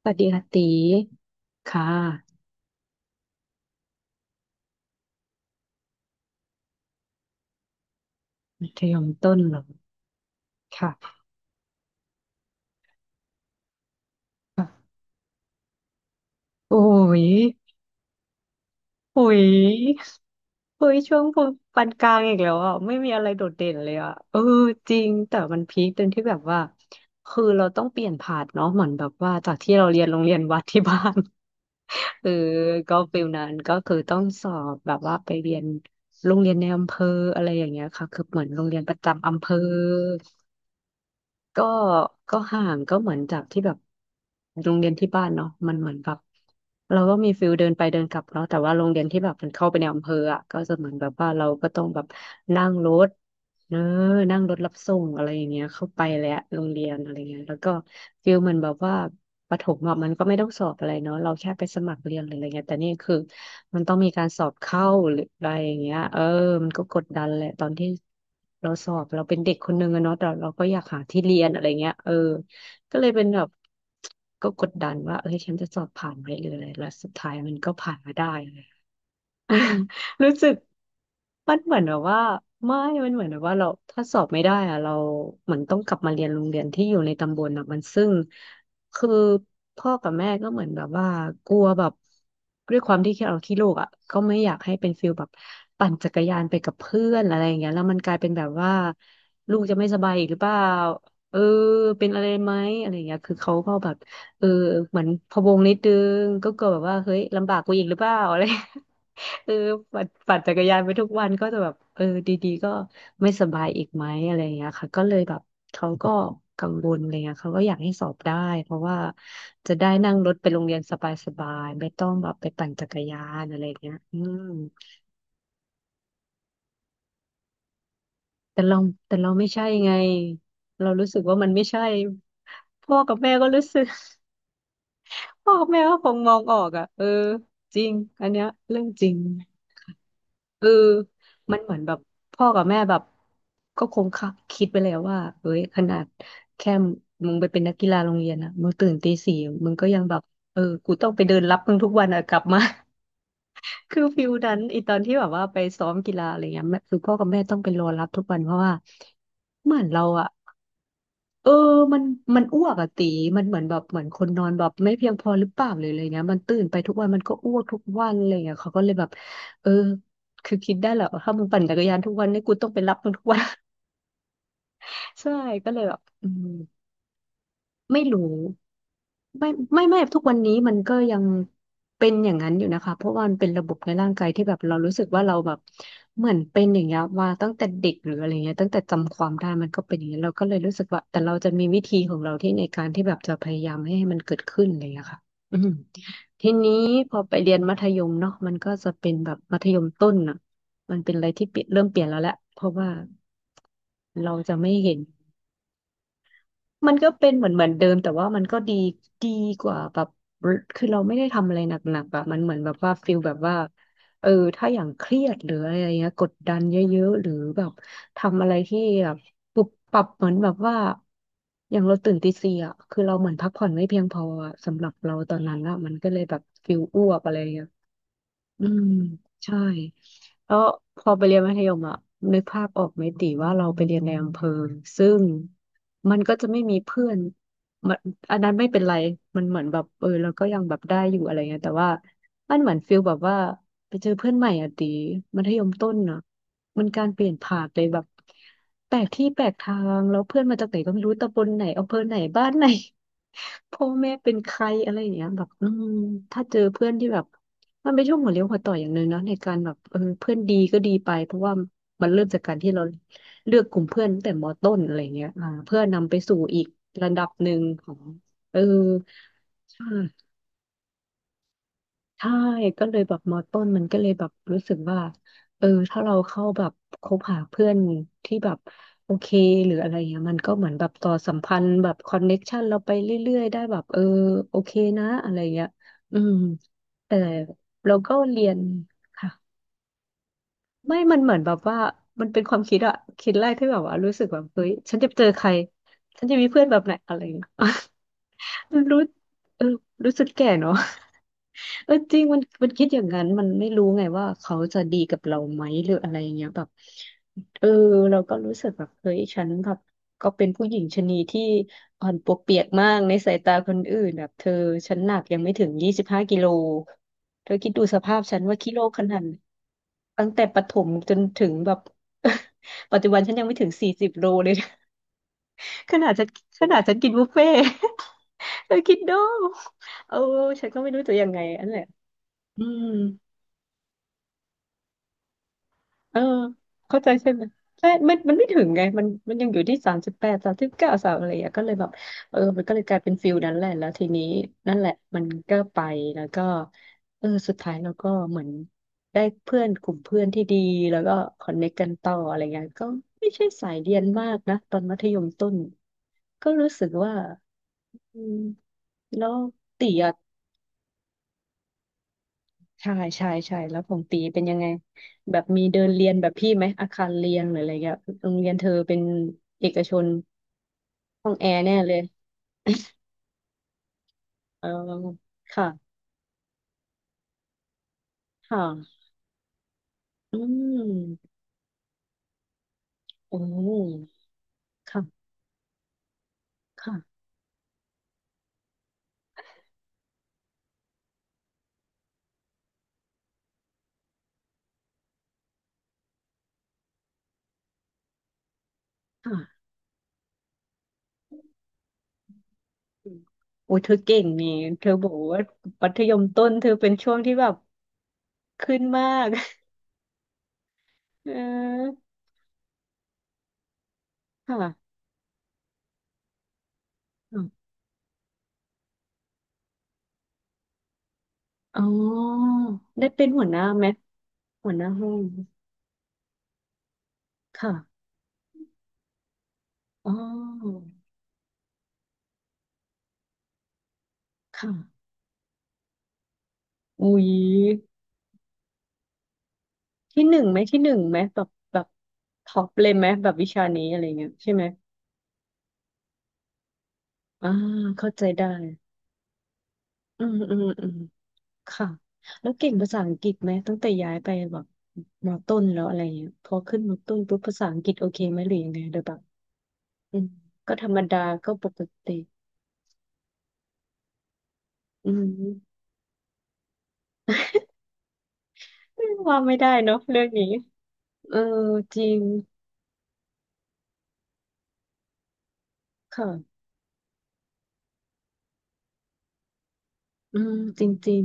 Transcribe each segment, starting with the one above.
สวัสดีค่ะตีค่ะมัธยมต้นเหรอค่ะค่ะโอ้ยโอ้ยโอ้ยช่วงปานกลางอีกแล้วอ่ะไม่มีอะไรโดดเด่นเลยอ่ะเออจริงแต่มันพีคตรงที่แบบว่าคือเราต้องเปลี่ยนผ่านเนาะเหมือนแบบว่าจากที่เราเรียนโรงเรียนวัดที่บ้าน เออก็ฟิลนั้นก็คือต้องสอบแบบว่าไปเรียนโรงเรียนในอำเภออะไรอย่างเงี้ยค่ะคือเหมือนโรงเรียนประจำอำเภอ ก็ก็ห่างก็เหมือนจากที่แบบโรงเรียนที่บ้านเนาะมันเหมือนแบบเราก็มีฟิลเดินไปเดินกลับเนาะแต่ว่าโรงเรียนที่แบบมันเข้าไปในอำเภออ่ะก็จะเหมือนแบบว่าเราก็ต้องแบบนั่งรถเนออนั่งรถรับส่งอะไรอย่างเงี้ยเข้าไปแล้วโรงเรียนอะไรเงี้ยแล้วก็ฟิลเหมันแบบว่าประถมอะมันก็ไม่ต้องสอบอะไรเนาะเราแค่ไปสมัครเรียนหรืออะไรเงี้ยแต่นี่คือ มันต้องมีการสอบเข้าหรืออะไรอย่างเงี้ยเออมันก็กดดันแหละตอนที่เราสอบเราเป็นเด็กคนหนึ่งอะเนาะแต่เราก็อยากหาที่เรียนอะไรเงี้ยเออก็เลยเป็นแบบก็กดดันว่าเอ้ยฉันจะสอบผ่านไหมหรืออะไรแล้วสุดท้ายมันก็ผ่านมาได้ อ่ารู้สึกมันเหมือนแบบว่าไม่มันเหมือนแบบว่าเราถ้าสอบไม่ได้อะเราเหมือนต้องกลับมาเรียนโรงเรียนที่อยู่ในตำบลอะมันซึ่งคือพ่อกับแม่ก็เหมือนแบบว่ากลัวแบบด้วยความที่เราขี้ลูกอ่ะก็ไม่อยากให้เป็นฟิลแบบปั่นจักรยานไปกับเพื่อนอะไรอย่างเงี้ยแล้วมันกลายเป็นแบบว่าลูกจะไม่สบายอีกหรือเปล่าเออเป็นอะไรไหมอะไรอย่างเงี้ยคือเขาก็แบบเออเหมือนพะวงนิดนึงก็กลัวแบบว่าเฮ้ยลำบากกูอีกหรือเปล่าอะไร เออปั่นจักรยานไปทุกวันก็จะแบบเออดีๆก็ไม่สบายอีกไหมอะไรอย่างเงี้ยค่ะก็เลยแบบเขาก็กังวลอะไรเงี้ยเขาก็อยากให้สอบได้เพราะว่าจะได้นั่งรถไปโรงเรียนสบายๆไม่ต้องแบบไปปั่นจักรยานอะไรอย่างเงี้ยอืมแต่เราแต่เราไม่ใช่ไงเรารู้สึกว่ามันไม่ใช่พ่อกับแม่ก็รู้สึก พ่อกับแม่ก็คงมองออกอ่ะเออจริงอันเนี้ยเรื่องจริง เออมันเหมือนแบบพ่อกับแม่แบบก็คงคะคิดไปแล้วว่าเอ้ยขนาดแค่มึงไปเป็นนักกีฬาโรงเรียนอะมึงตื่นตีสี่มึงก็ยังแบบเออกูต้องไปเดินรับมึงทุกวันอะกลับมา คือฟิลนั้นอีตอนที่แบบว่าไปซ้อมกีฬาอะไรเงี้ยแม่คือพ่อกับแม่ต้องไปรอรับทุกวันเพราะว่าเหมือนเราอะ เออมันมันอ้วกอะตี มันเหมือนแบบเหมือนคนนอนแบบไม่เพียงพอหรือเปล่าเลยออะไรเงี้ยมันตื่นไปทุกวัน มันก็อ้วกทุกวันอะไรเงี้ยเขาก็เลยแบบเออคือคิดได้แหละว่าถ้ามึงปั่นจักรยานทุกวันนี่กูต้องไปรับมึงทุกวัน ใช่ ก็เลยแบบอืมไม่รู้ ไม่ไม่ทุกวันนี้มันก็ยังเป็นอย่างนั้นอยู่นะคะเพราะว่ามันเป็นระบบในร่างกายที่แบบเรารู้สึกว่าเราแบบเหมือนเป็นอย่างเงี้ยมาตั้งแต่เด็กหรืออะไรเงี้ยตั้งแต่จำความได้มันก็เป็นอย่างเงี้ยเราก็เลยรู้สึกว่าแต่เราจะมีวิธีของเราที่ในการที่แบบจะพยายามไม่ให้มันเกิดขึ้นอะไรเงี้ยค่ะอืมทีนี้พอไปเรียนมัธยมเนาะมันก็จะเป็นแบบมัธยมต้นอ่ะมันเป็นอะไรที่เปลี่ยนเริ่มเปลี่ยนแล้วแหละเพราะว่าเราจะไม่เห็น มันก็เป็นเหมือนเดิมแต่ว่ามันก็ดีกว่าแบบคือเราไม่ได้ทำอะไรหนักๆอะมันเหมือนแบบว่าฟิลแบบว่าเออถ้าอย่างเครียดหรืออะไรเงี้ยกดดันเยอะๆหรือแบบทำอะไรที่แบบปุบปับเหมือนแบบว่าอย่างเราตื่นตีสี่อ่ะคือเราเหมือนพักผ่อนไม่เพียงพออะสำหรับเราตอนนั้นอะมันก็เลยแบบฟิลอ้วกอะไรเงี้ย อืมใช่แล้วพอไปเรียนมัธยมอะนึกภาพออกไหมติว่าเราไปเรียนในอำเภอซึ่งมันก็จะไม่มีเพื่อนมันอันนั้นไม่เป็นไรมันเหมือนแบบเออเราก็ยังแบบได้อยู่อะไรเงี้ยแต่ว่ามันเหมือนฟิลแบบว่าไปเจอเพื่อนใหม่อะติมัธยมต้นอะมันการเปลี่ยนผ่านเลยแบบแปลกที่แปลกทางแล้วเพื่อนมาจากไหนก็ไม่รู้ตำบลไหนอำเภอไหนบ้านไหน พ่อแม่เป็นใครอะไรอย่างเงี้ยแบบอืมถ้าเจอเพื่อนที่แบบ มันเป็นช่วงหัวเลี้ยวหัวต่ออย่างหนึ่งเนาะในการแบบเออเพื่อนดีก็ดีไปเพราะว่ามันเริ่มจากการที่เราเลือกกลุ่มเพื่อนตั้งแต่มต้นอะไรเงี้ยอ่าเพื่อนำไปสู่อีกระดับหนึ่งของเออใช่ใช่ก็เลยแบบมต้นมันก็เลยแบบรู้สึกว่าเออถ้าเราเข้าแบบคบหาเพื่อนที่แบบโอเคหรืออะไรเงี้ยมันก็เหมือนแบบต่อสัมพันธ์แบบคอนเน็กชันเราไปเรื่อยๆได้แบบเออโอเคนะอะไรเงี้ยอืมแต่เราก็เรียนค่ะ ไม่มันเหมือนแบบว่า มันเป็นความคิดอะคิดแรกที่แบบว่ารู้สึกแบบเฮ้ย ฉันจะเจอใคร ฉันจะมีเพื่อนแบบไหนอะไรอย่างเงี้ย รู้เออรู้สึกแก่เนาะ เออจริงมันคิดอย่างนั้นมันไม่รู้ไงว่าเขาจะดีกับเราไหมหรืออะไรอย่างเงี้ยแบบเออเราก็รู้สึกแบบเฮ้ยฉันแบบก็เป็นผู้หญิงชะนีที่อ่อนปวกเปียกมากในสายตาคนอื่นแบบเธอฉันหนักยังไม่ถึง25 กิโลเธอคิดดูสภาพฉันว่ากิโลขนาดตั้งแต่ประถมจนถึงแบบ ปัจจุบันฉันยังไม่ถึง40 โลเลย ขนาดฉันกินบุฟเฟ่ต์ เธอคิดดูเออฉันก็ไม่รู้จะยังไงอันแหละอืม เออเข้าใจใช่ไหมใช่มันไม่ถึงไงมันยังอยู่ที่3839สามอะไรอย่างเงี้ยก็เลยแบบเออมันก็เลยกลายเป็นฟิลนั้นแหละแล้วทีนี้นั่นแหละมันก็ไปแล้วก็เออสุดท้ายเราก็เหมือนได้เพื่อนกลุ่มเพื่อนที่ดีแล้วก็คอนเนคกันต่ออะไรเงี้ยก็ไม่ใช่สายเรียนมากนะตอนมัธยมต้นก็รู้สึกว่าอืมแล้วตีอะ ใช่ใช่ใช่แล้วของตีเป็นยังไงแบบมีเดินเรียนแบบพี่ไหมอาคารเรียนหรืออะไรเงี้ยโรงเรียนเธอเป็นเอกชนห้องแอร์แน่เลยเออค่ะค่ะอืมโอ้ค่ะค่ะค่ะอืมโอ้ยเธอเก่งนี่เธอบอกว่ามัธยมต้นเธอเป็นช่วงที่แบบ ขึ้นมาก เออค่ะค่ะอ๋อได้เป็นหัวหน้าไหมหัวหน้าห้อง ค่ะอ๋อค่ะอุ้ย ที่หนึ่งไหมที่หนึ่งไหมแบบแบบท็อปเลยไหมแบบวิชานี้อะไรเงี้ยใช่ไหมอ่าเข้าใจได้อืมอืมอืมค่ะแล้วเก่งภาษาอังกฤษไหมตั้งแต่ย้ายไปแบบมอต้นแล้วอะไรเงี้ยพอขึ้นมอต้นปุ๊บภาษาอังกฤษโอเคไหมหรือยังไงโดยแบบอืมก็ธรรมดาก็ปกติอืมว่าไม่ได้เนาะเรื่องนี้เออจริงค่ะอืมจริงจริง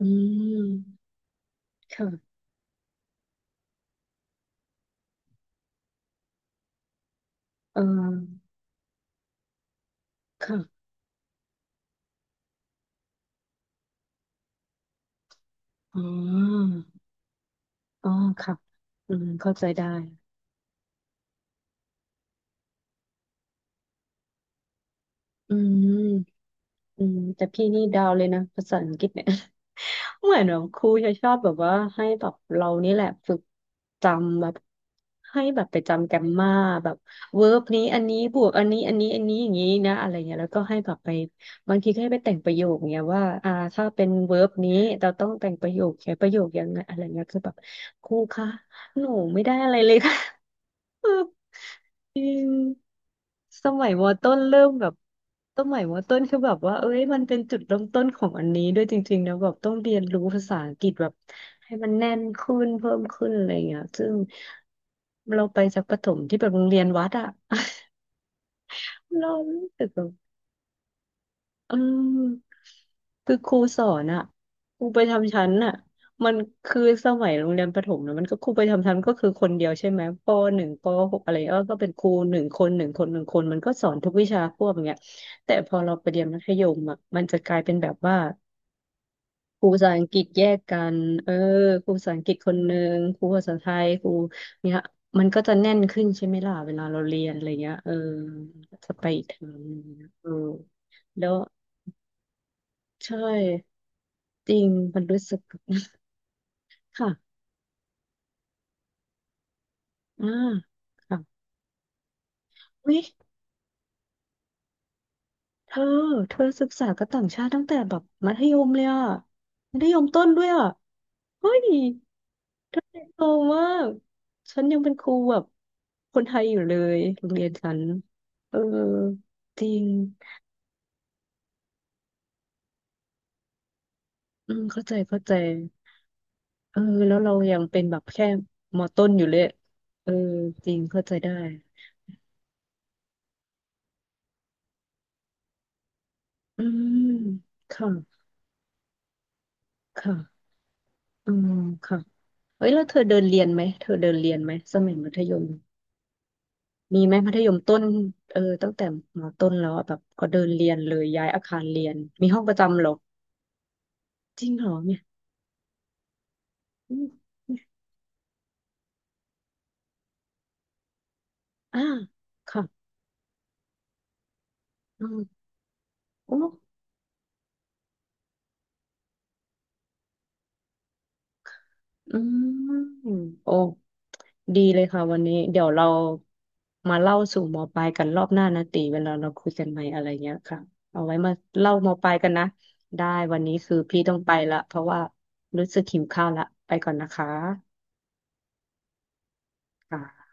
อืมค่ะเออค่ะอ๋อ อ๋อค่ะอืมเข้าใจได้อืมอืมแต่พี่นี่ดาวเลยนะภาษาอังกฤษเนี่ย เหมือนแบบครูจะชอบแบบว่าให้แบบเรานี่แหละฝึกจำแบบให้แบบไปจำแกรมมาแบบเวิร์บนี้อันนี้บวกอันนี้อันนี้อันนี้อย่างนี้นะอะไรเงี้ยแล้วก็ให้แบบไปบางทีก็ให้ไปแต่งประโยคเงี้ยว่าอ่าถ้าเป็นเวิร์บนี้เราต้องแต่งประโยคใช้ประโยคยังไงอะไรเงี้ยคือแบบครูคะหนูไม่ได้อะไรเลยค่ะ เออ จริงสมัยมอต้นเริ่มแบบสมัยมอต้นคือแบบว่า เอ้ยมันเป็นจุดเริ่มต้นของอันนี้ด้วยจริงๆนะแบบต้องเรียนรู้ภาษาอังกฤษแบบให้มันแน่นขึ้นเพิ่มขึ้นอะไรอย่างเงี้ยซึ่งเราไปจากประถมที่แบบโรงเรียนวัดอะ เรารู้สึกแบบ เออคือครูสอนอ่ะครูประจำชั้นอ่ะมันคือสมัยโรงเรียนประถมนะมันก็ครูประจำชั้นก็คือคนเดียวใช่ไหมป.1ป.6อะไรเงี้ยก็เป็นครูหนึ่งคนหนึ่งคนหนึ่งคนมันก็สอนทุกวิชาควบอย่างเงี้ยแต่พอเราไปเรียนมัธยมอ่ะมันจะกลายเป็นแบบว่าครูภาษาอังกฤษแยกกันเออครูภาษาอังกฤษคนหนึ่งครูภาษาไทยครูเนี่ยมันก็จะแน่นขึ้นใช่ไหมล่ะเวลาเราเรียนอะไรเงี้ยเออจะไปอีกทางหนึงเออแล้วใช่ จริงมันรู้สึกแบบนี้นค่ะอ่าค่ะเฮ้ยเธอเธอศึกษากับต่างชาติตั้งแต่แบบมัธยมเลยอ่ะมัธยมต้นด้วยอ่ะเฮ้ยเธอเติบโตมากฉันยังเป็นครูแบบคนไทยอยู่เลยโรงเรียนฉันเออจริงอืมเข้าใจเข้าใจเออแล้วเรายังเป็นแบบแค่มอต้นอยู่เลยเออจริงเข้าใจได้อืมค่ะค่ะอืมค่ะ เฮ้ยแล้วเธอเดินเรียนไหมเธอเดินเรียนไหมสมัยมัธยมมีไหมมัธยมต้นเออตั้งแต่มอต้นแล้วอะแบบก็เดินเรียนเลยย้ายอาคารเรียนมีห้องประจำเหรอจริงเหรอเนี่ยอืมอ่าค่ะอืมโอ้อืมโอ้ดีเลยค่ะวันนี้เดี๋ยวเรามาเล่าสู่มอปลายกันรอบหน้านะตีเวลาเราคุยกันใหม่อะไรเงี้ยค่ะเอาไว้มาเล่ามอปลายกันนะได้วันนี้คือพี่ต้องไปละเพราะว่ารู้สึกหิวข้าวละไปก่อนนะคะ ค่ะ